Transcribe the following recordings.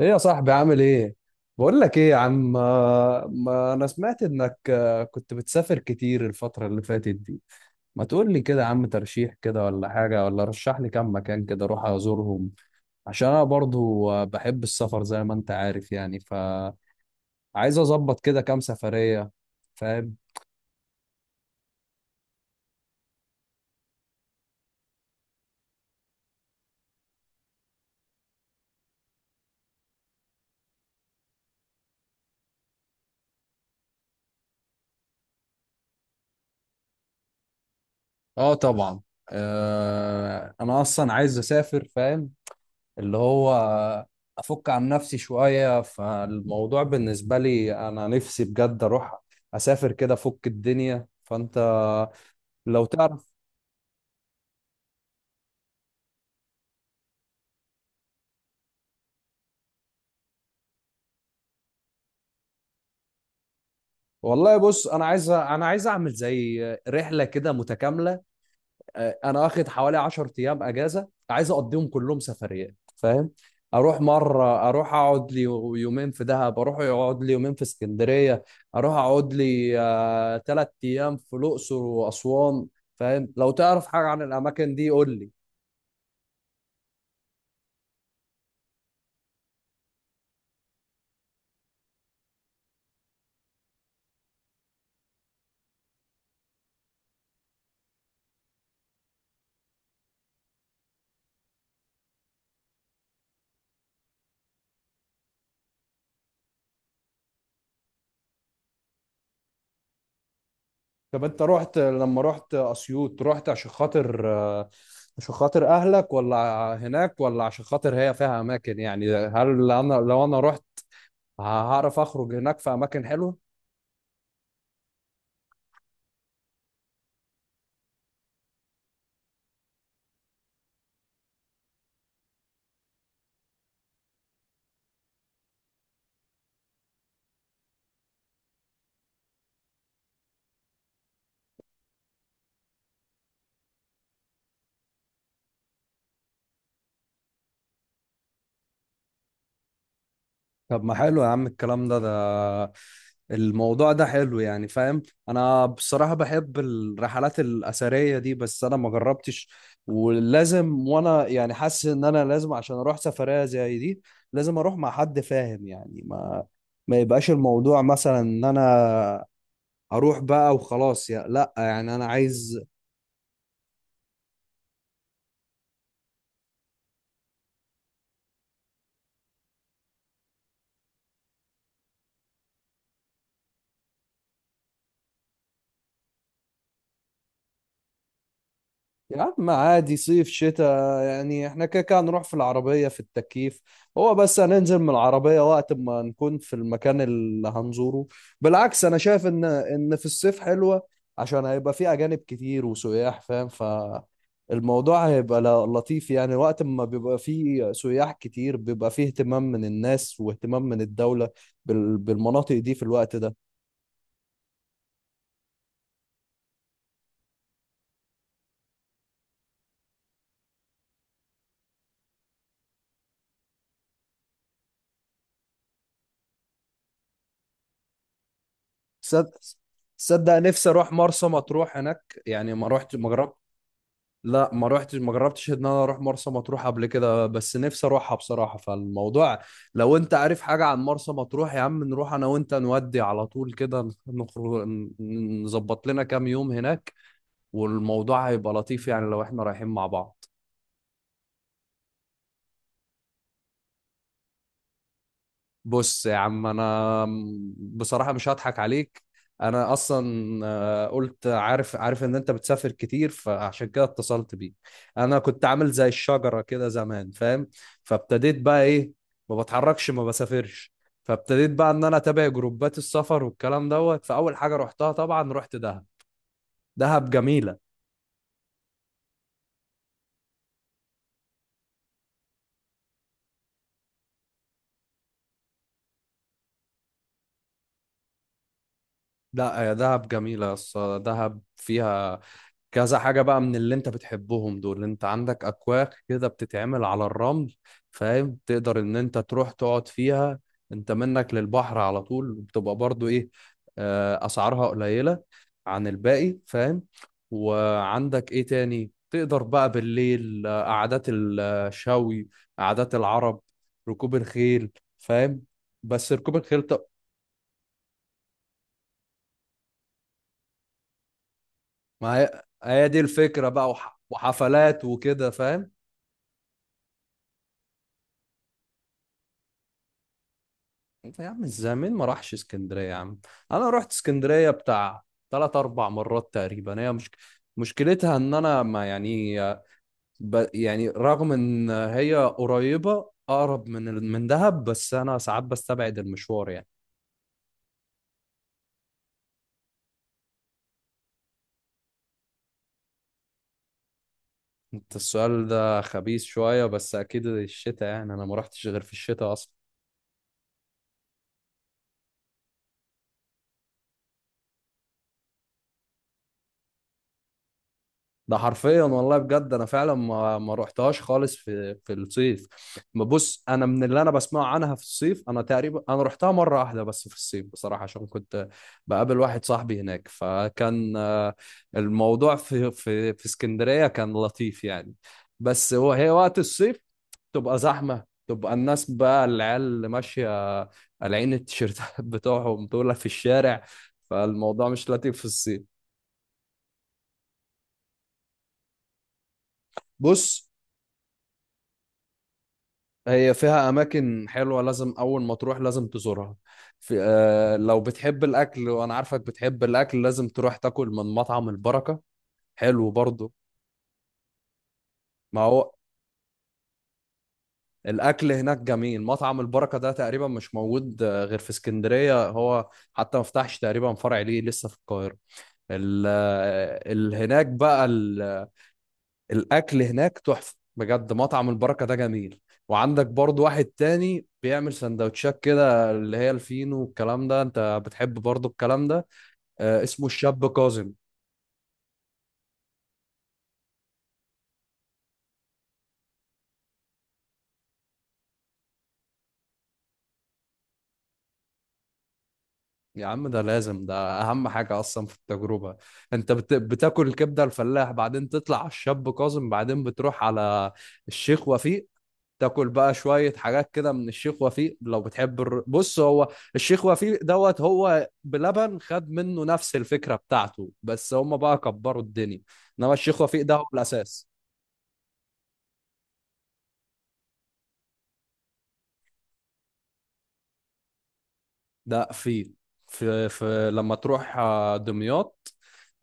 ايه يا صاحبي عامل ايه؟ بقول لك ايه يا عم ما انا سمعت انك كنت بتسافر كتير الفترة اللي فاتت دي. ما تقول لي كده يا عم ترشيح كده ولا حاجة، ولا رشح لي كام مكان كده اروح ازورهم؟ عشان انا برضو بحب السفر زي ما انت عارف يعني، فعايز اظبط كده كام سفرية، فاهم؟ اه طبعا. انا اصلا عايز اسافر فاهم، اللي هو افك عن نفسي شوية، فالموضوع بالنسبة لي انا نفسي بجد اروح اسافر كده افك الدنيا، فانت لو تعرف. والله بص انا عايز اعمل زي رحلة كده متكاملة. انا واخد حوالي 10 ايام اجازه، عايز اقضيهم كلهم سفريات فاهم. اروح مره، اروح اقعد لي يومين في دهب، اروح اقعد لي يومين في اسكندريه، اروح اقعد لي تلات ايام في الاقصر واسوان. فاهم؟ لو تعرف حاجه عن الاماكن دي قول لي. طب انت رحت لما رحت اسيوط، رحت عشان خاطر اهلك ولا هناك، ولا عشان خاطر هي فيها اماكن؟ يعني هل انا لو انا رحت هعرف اخرج، هناك في اماكن حلوه؟ طب ما حلو يا عم الكلام ده الموضوع ده حلو يعني فاهم. انا بصراحة بحب الرحلات الأثرية دي بس انا ما جربتش، ولازم، وانا يعني حاسس ان انا لازم عشان اروح سفرية زي دي لازم اروح مع حد فاهم، يعني ما يبقاش الموضوع مثلا ان انا اروح بقى وخلاص يا لا، يعني انا عايز. يا عم عادي صيف شتاء يعني احنا كده كده نروح في العربية في التكييف، هو بس هننزل من العربية وقت ما نكون في المكان اللي هنزوره. بالعكس انا شايف ان في الصيف حلوة، عشان هيبقى في اجانب كتير وسياح فاهم، فالموضوع هيبقى لطيف يعني، وقت ما بيبقى فيه سياح كتير بيبقى فيه اهتمام من الناس واهتمام من الدولة بالمناطق دي في الوقت ده. صد- صدق نفسي اروح مرسى مطروح، هناك يعني ما رحت ما جربت، لا ما روحتش ما جربتش ان انا اروح مرسى مطروح قبل كده، بس نفسي اروحها بصراحة. فالموضوع لو انت عارف حاجة عن مرسى مطروح يا عم نروح انا وانت، نودي على طول كده نخرج نظبط لنا كام يوم هناك، والموضوع هيبقى لطيف يعني لو احنا رايحين مع بعض. بص يا عم انا بصراحه مش هضحك عليك، انا اصلا قلت عارف ان انت بتسافر كتير فعشان كده اتصلت بيك. انا كنت عامل زي الشجره كده زمان فاهم، فابتديت بقى ايه، ما بتحركش ما بسافرش، فابتديت بقى ان انا اتابع جروبات السفر والكلام دوت. فاول حاجه رحتها طبعا رحت دهب، دهب جميله. لا يا دهب جميله يا اسطى، دهب فيها كذا حاجة بقى من اللي انت بتحبهم دول. انت عندك اكواخ كده بتتعمل على الرمل فاهم، تقدر ان انت تروح تقعد فيها، انت منك للبحر على طول، بتبقى برضو ايه، اسعارها قليلة عن الباقي فاهم. وعندك ايه تاني تقدر بقى بالليل، قعدات الشوي، قعدات العرب، ركوب الخيل فاهم. بس ركوب الخيل، طب ما هي دي الفكرة بقى، وحفلات وكده فاهم. طيب يا عم ازاي، مين ما راحش اسكندريه يا عم؟ انا رحت اسكندريه بتاع ثلاث اربع مرات تقريبا، هي مش مشكلتها ان انا ما يعني يعني رغم ان هي قريبه اقرب من من دهب، بس انا ساعات بستبعد المشوار يعني. انت السؤال ده خبيث شويه، بس اكيد الشتاء يعني، انا ما رحتش غير في الشتاء اصلا. ده حرفيا والله بجد، انا فعلا ما رحتهاش خالص في الصيف. بص انا من اللي انا بسمعه عنها في الصيف، انا تقريبا انا رحتها مره واحده بس في الصيف بصراحه، عشان كنت بقابل واحد صاحبي هناك، فكان الموضوع في اسكندريه كان لطيف يعني. بس هي وقت الصيف تبقى زحمه، تبقى الناس بقى العيال اللي ماشيه قالعين التيشيرتات بتوعهم دول في الشارع، فالموضوع مش لطيف في الصيف. بص هي فيها أماكن حلوة لازم أول ما تروح لازم تزورها. في لو بتحب الأكل وأنا عارفك بتحب الأكل، لازم تروح تاكل من مطعم البركة، حلو برضه. ما هو الأكل هناك جميل، مطعم البركة ده تقريبا مش موجود غير في اسكندرية، هو حتى ما فتحش تقريبا فرع ليه لسه في القاهرة. ال آه، ال- هناك بقى ال- الاكل هناك تحفه بجد، مطعم البركه ده جميل. وعندك برضو واحد تاني بيعمل سندوتشات كده اللي هي الفينو والكلام ده، انت بتحب برضو الكلام ده، اسمه الشاب كاظم. يا عم ده لازم، ده اهم حاجه اصلا في التجربه. انت بتاكل الكبده الفلاح، بعدين تطلع على الشاب كاظم، بعدين بتروح على الشيخ وفيق، تاكل بقى شوية حاجات كده من الشيخ وفيق لو بتحب بص هو الشيخ وفيق دوت هو بلبن خد منه نفس الفكرة بتاعته، بس هم بقى كبروا الدنيا، انما الشيخ وفيق ده هو الاساس. ده فيل، في لما تروح دمياط،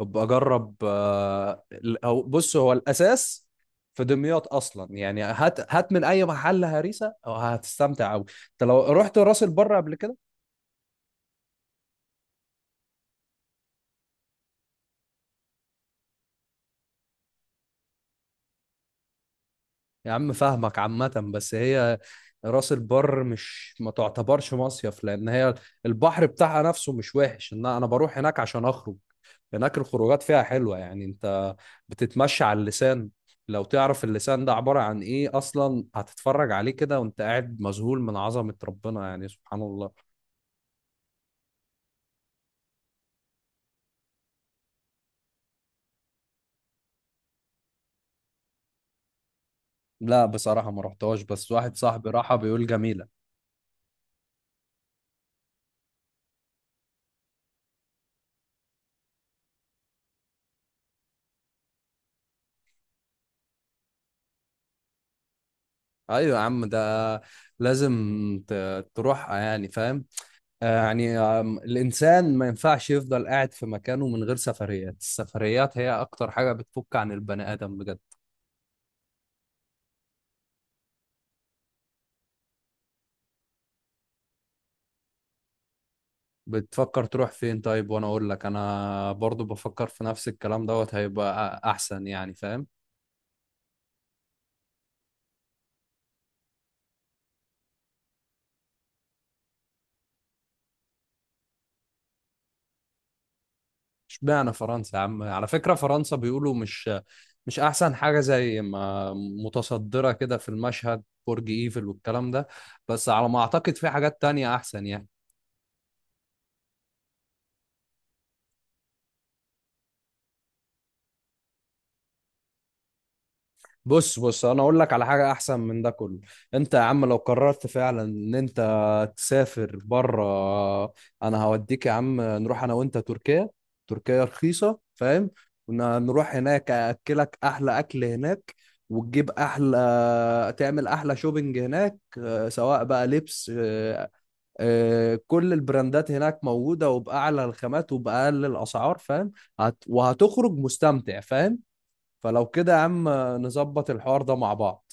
ابقى جرب أو بص هو الاساس في دمياط اصلا يعني، هات هات من اي محل هريسه هتستمتع قوي. انت لو رحت راس البر قبل كده؟ يا عم فاهمك عامة، بس هي راس البر مش، ما تعتبرش مصيف لأن هي البحر بتاعها نفسه مش وحش، إن أنا بروح هناك عشان أخرج. هناك الخروجات فيها حلوة يعني، أنت بتتمشى على اللسان. لو تعرف اللسان ده عبارة عن إيه أصلا، هتتفرج عليه كده وأنت قاعد مذهول من عظمة ربنا يعني، سبحان الله. لا بصراحة ما رحتهاش، بس واحد صاحبي راحها بيقول جميلة. أيوة يا عم، ده لازم تروحها يعني فاهم. يعني الإنسان ما ينفعش يفضل قاعد في مكانه من غير سفريات، السفريات هي أكتر حاجة بتفك عن البني آدم بجد. بتفكر تروح فين طيب؟ وأنا أقول لك أنا برضو بفكر في نفس الكلام دوت، هيبقى أحسن يعني فاهم. اشمعنى فرنسا يا عم؟ على فكرة فرنسا بيقولوا مش أحسن حاجة زي ما متصدرة كده في المشهد، برج إيفل والكلام ده، بس على ما أعتقد في حاجات تانية أحسن يعني. بص انا اقول لك على حاجه احسن من ده كله. انت يا عم لو قررت فعلا ان انت تسافر بره، انا هوديك يا عم، نروح انا وانت تركيا، تركيا رخيصه فاهم، ونروح هناك اكلك احلى اكل هناك، وتجيب احلى تعمل احلى شوبينج هناك، سواء بقى لبس، كل البراندات هناك موجوده وباعلى الخامات وباقل الاسعار فاهم، وهتخرج مستمتع فاهم. فلو كده يا عم نظبط الحوار ده مع بعض.